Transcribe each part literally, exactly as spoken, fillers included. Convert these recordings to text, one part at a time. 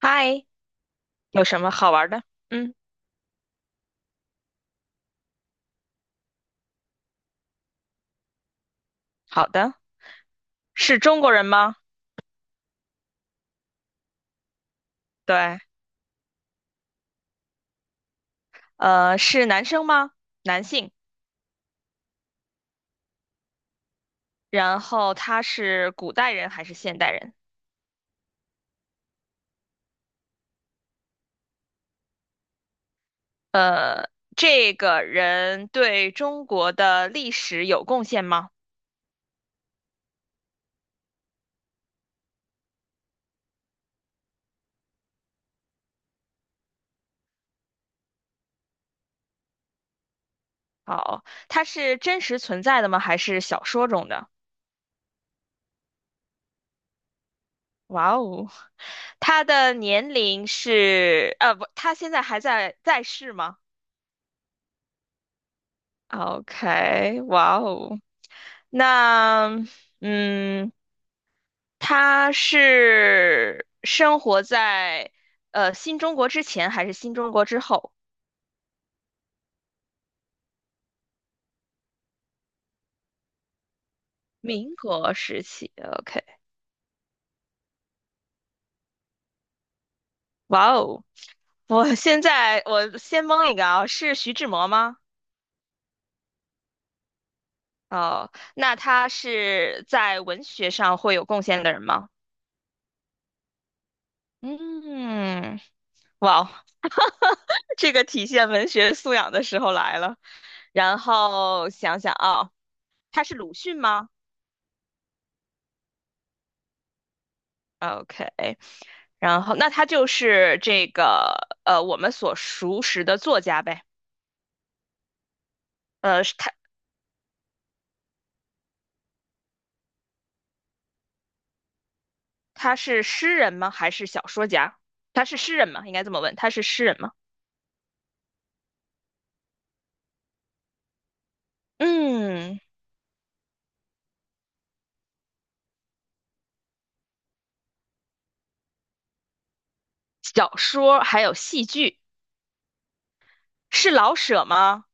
嗨，有什么好玩的？嗯，好的。是中国人吗？对，呃，是男生吗？男性。然后他是古代人还是现代人？这个人对中国的历史有贡献吗？好，他是真实存在的吗？还是小说中的？哇哦，他的年龄是，呃，不，他现在还在在世吗？OK，哇哦，那嗯，他是生活在呃新中国之前还是新中国之后？民国时期，OK，哇哦！我现在我先蒙一个啊，是徐志摩吗？哦，那他是在文学上会有贡献的人吗？嗯，哇哦，这个体现文学素养的时候来了。然后想想啊，他是鲁迅吗？OK，然后那他就是这个呃我们所熟识的作家呗。呃，是他他是诗人吗？还是小说家？他是诗人吗？应该这么问，他是诗人吗？嗯，小说还有戏剧，是老舍吗？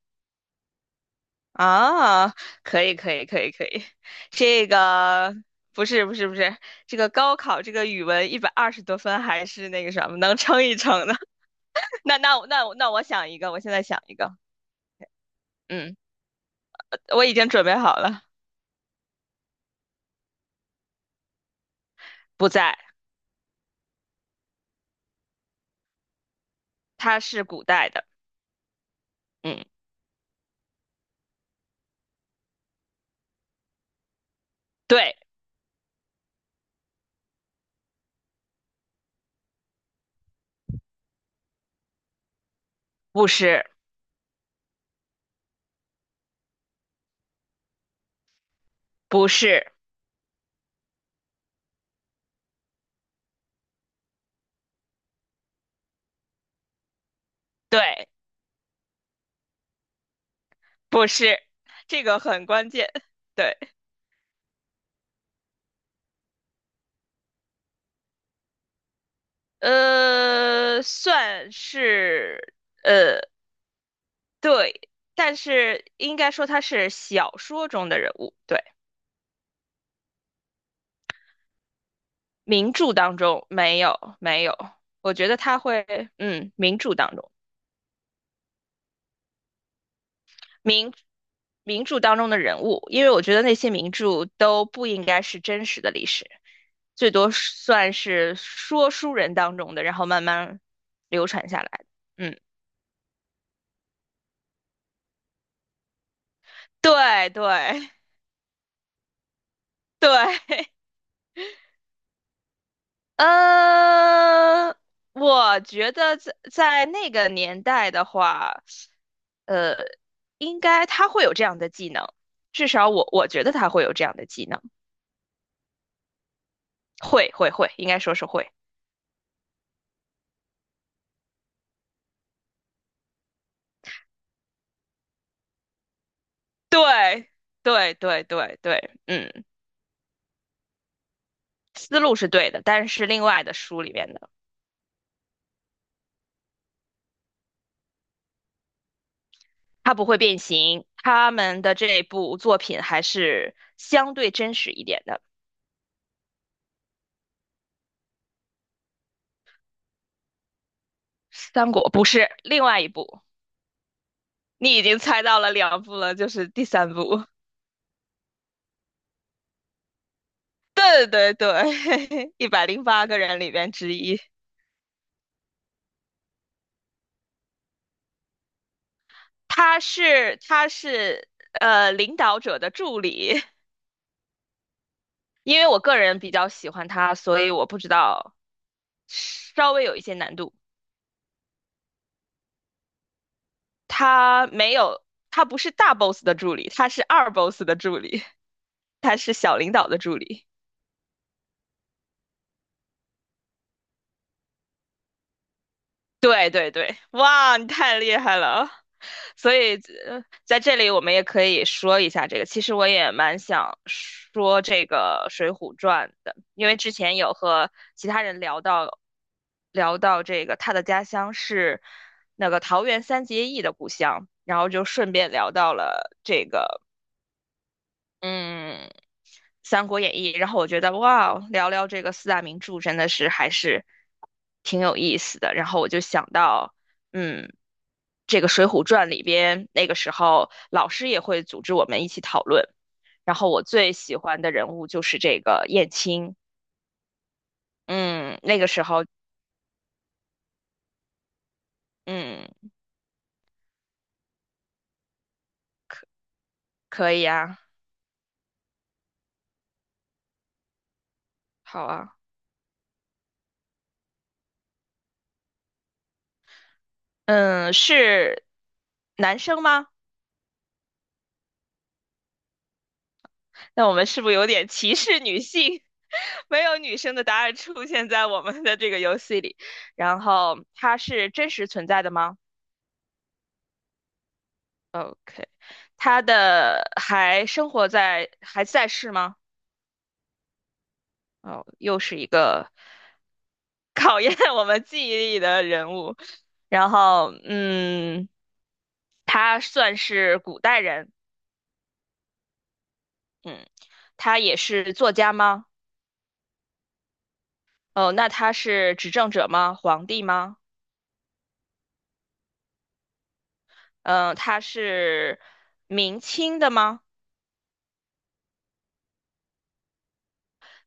啊，可以可以可以可以，这个不是不是不是，这个高考这个语文一百二十多分还是那个什么能撑一撑的。那那我那我那我想一个，我现在想一个，嗯。我已经准备好了，不在，它是古代的，嗯，对，不是，不是，对，不是，这个很关键，对，呃，算是，呃，对，但是应该说他是小说中的人物，对，名著当中没有，没有，我觉得他会，嗯，名著当中，名。名著当中的人物，因为我觉得那些名著都不应该是真实的历史。最多是算是说书人当中的，然后慢慢流传下来的嗯，对对对，呃，我觉得在在那个年代的话，呃，应该他会有这样的技能，至少我我觉得他会有这样的技能，会会会，应该说是会。对对对对对，嗯，思路是对的，但是另外的书里面的。他不会变形。他们的这部作品还是相对真实一点的。三国不是另外一部，你已经猜到了两部了，就是第三部。对对对，一百零八个人里边之一，他是他是呃领导者的助理，因为我个人比较喜欢他，所以我不知道稍微有一些难度。他没有，他不是大 boss 的助理，他是二 boss 的助理，他是小领导的助理。对对对，哇，你太厉害了！所以，呃在这里我们也可以说一下这个。其实我也蛮想说这个《水浒传》的，因为之前有和其他人聊到，聊到这个他的家乡是那个桃园三结义的故乡，然后就顺便聊到了这个嗯，《三国演义》，然后我觉得哇，聊聊这个四大名著真的是还是挺有意思的。然后我就想到，嗯，这个《水浒传》里边，那个时候老师也会组织我们一起讨论。然后我最喜欢的人物就是这个燕青，嗯，那个时候，嗯，可以啊，好啊，嗯，是男生吗？那我们是不是有点歧视女性？没有女生的答案出现在我们的这个游戏里。然后它是真实存在的吗哦？OK，它的还生活在还在世吗？哦，又是一个 考验我们记忆力的人物。然后，嗯，他算是古代人，嗯，他也是作家吗？哦，那他是执政者吗？皇帝吗？嗯、他是明清的吗？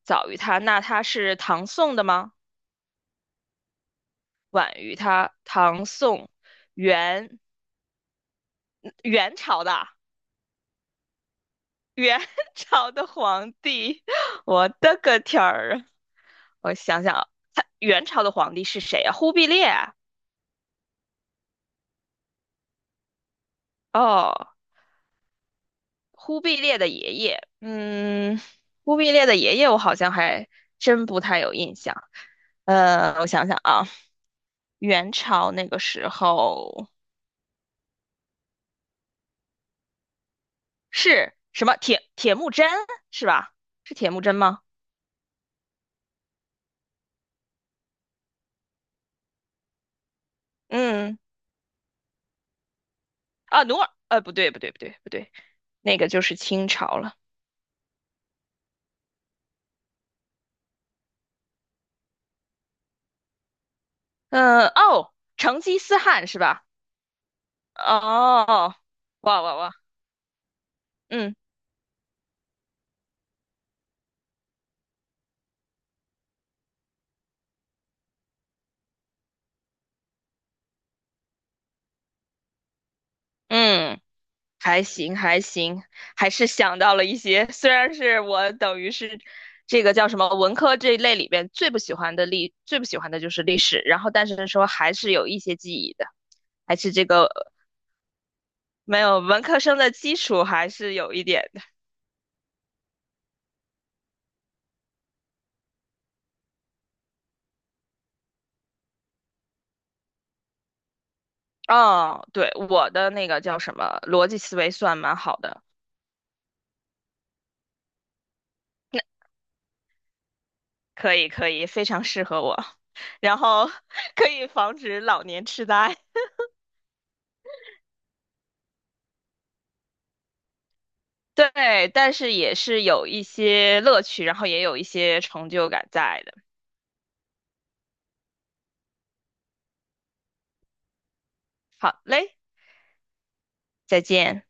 早于他，那他是唐宋的吗？晚于他，唐宋元元朝的元 朝的皇帝，我的个天儿啊！我想想啊，他元朝的皇帝是谁啊？忽必烈啊哦，忽必烈的爷爷，嗯，忽必烈的爷爷我好像还真不太有印象。呃，我想想啊，元朝那个时候是什么铁铁木真是吧？是铁木真吗？嗯，啊，努尔，呃，不对，不对，不对，不对，那个就是清朝了。嗯、哦，成吉思汗是吧？哦，哇哇哇，嗯嗯，还行还行，还是想到了一些，虽然是我等于是这个叫什么文科这一类里边最不喜欢的历，最不喜欢的就是历史，然后但是说还是有一些记忆的，还是这个呃没有文科生的基础还是有一点哦，对，我的那个叫什么，逻辑思维算蛮好的，那可以可以，非常适合我，然后 可以防止老年痴呆。对，但是也是有一些乐趣，然后也有一些成就感在的。好嘞，再见。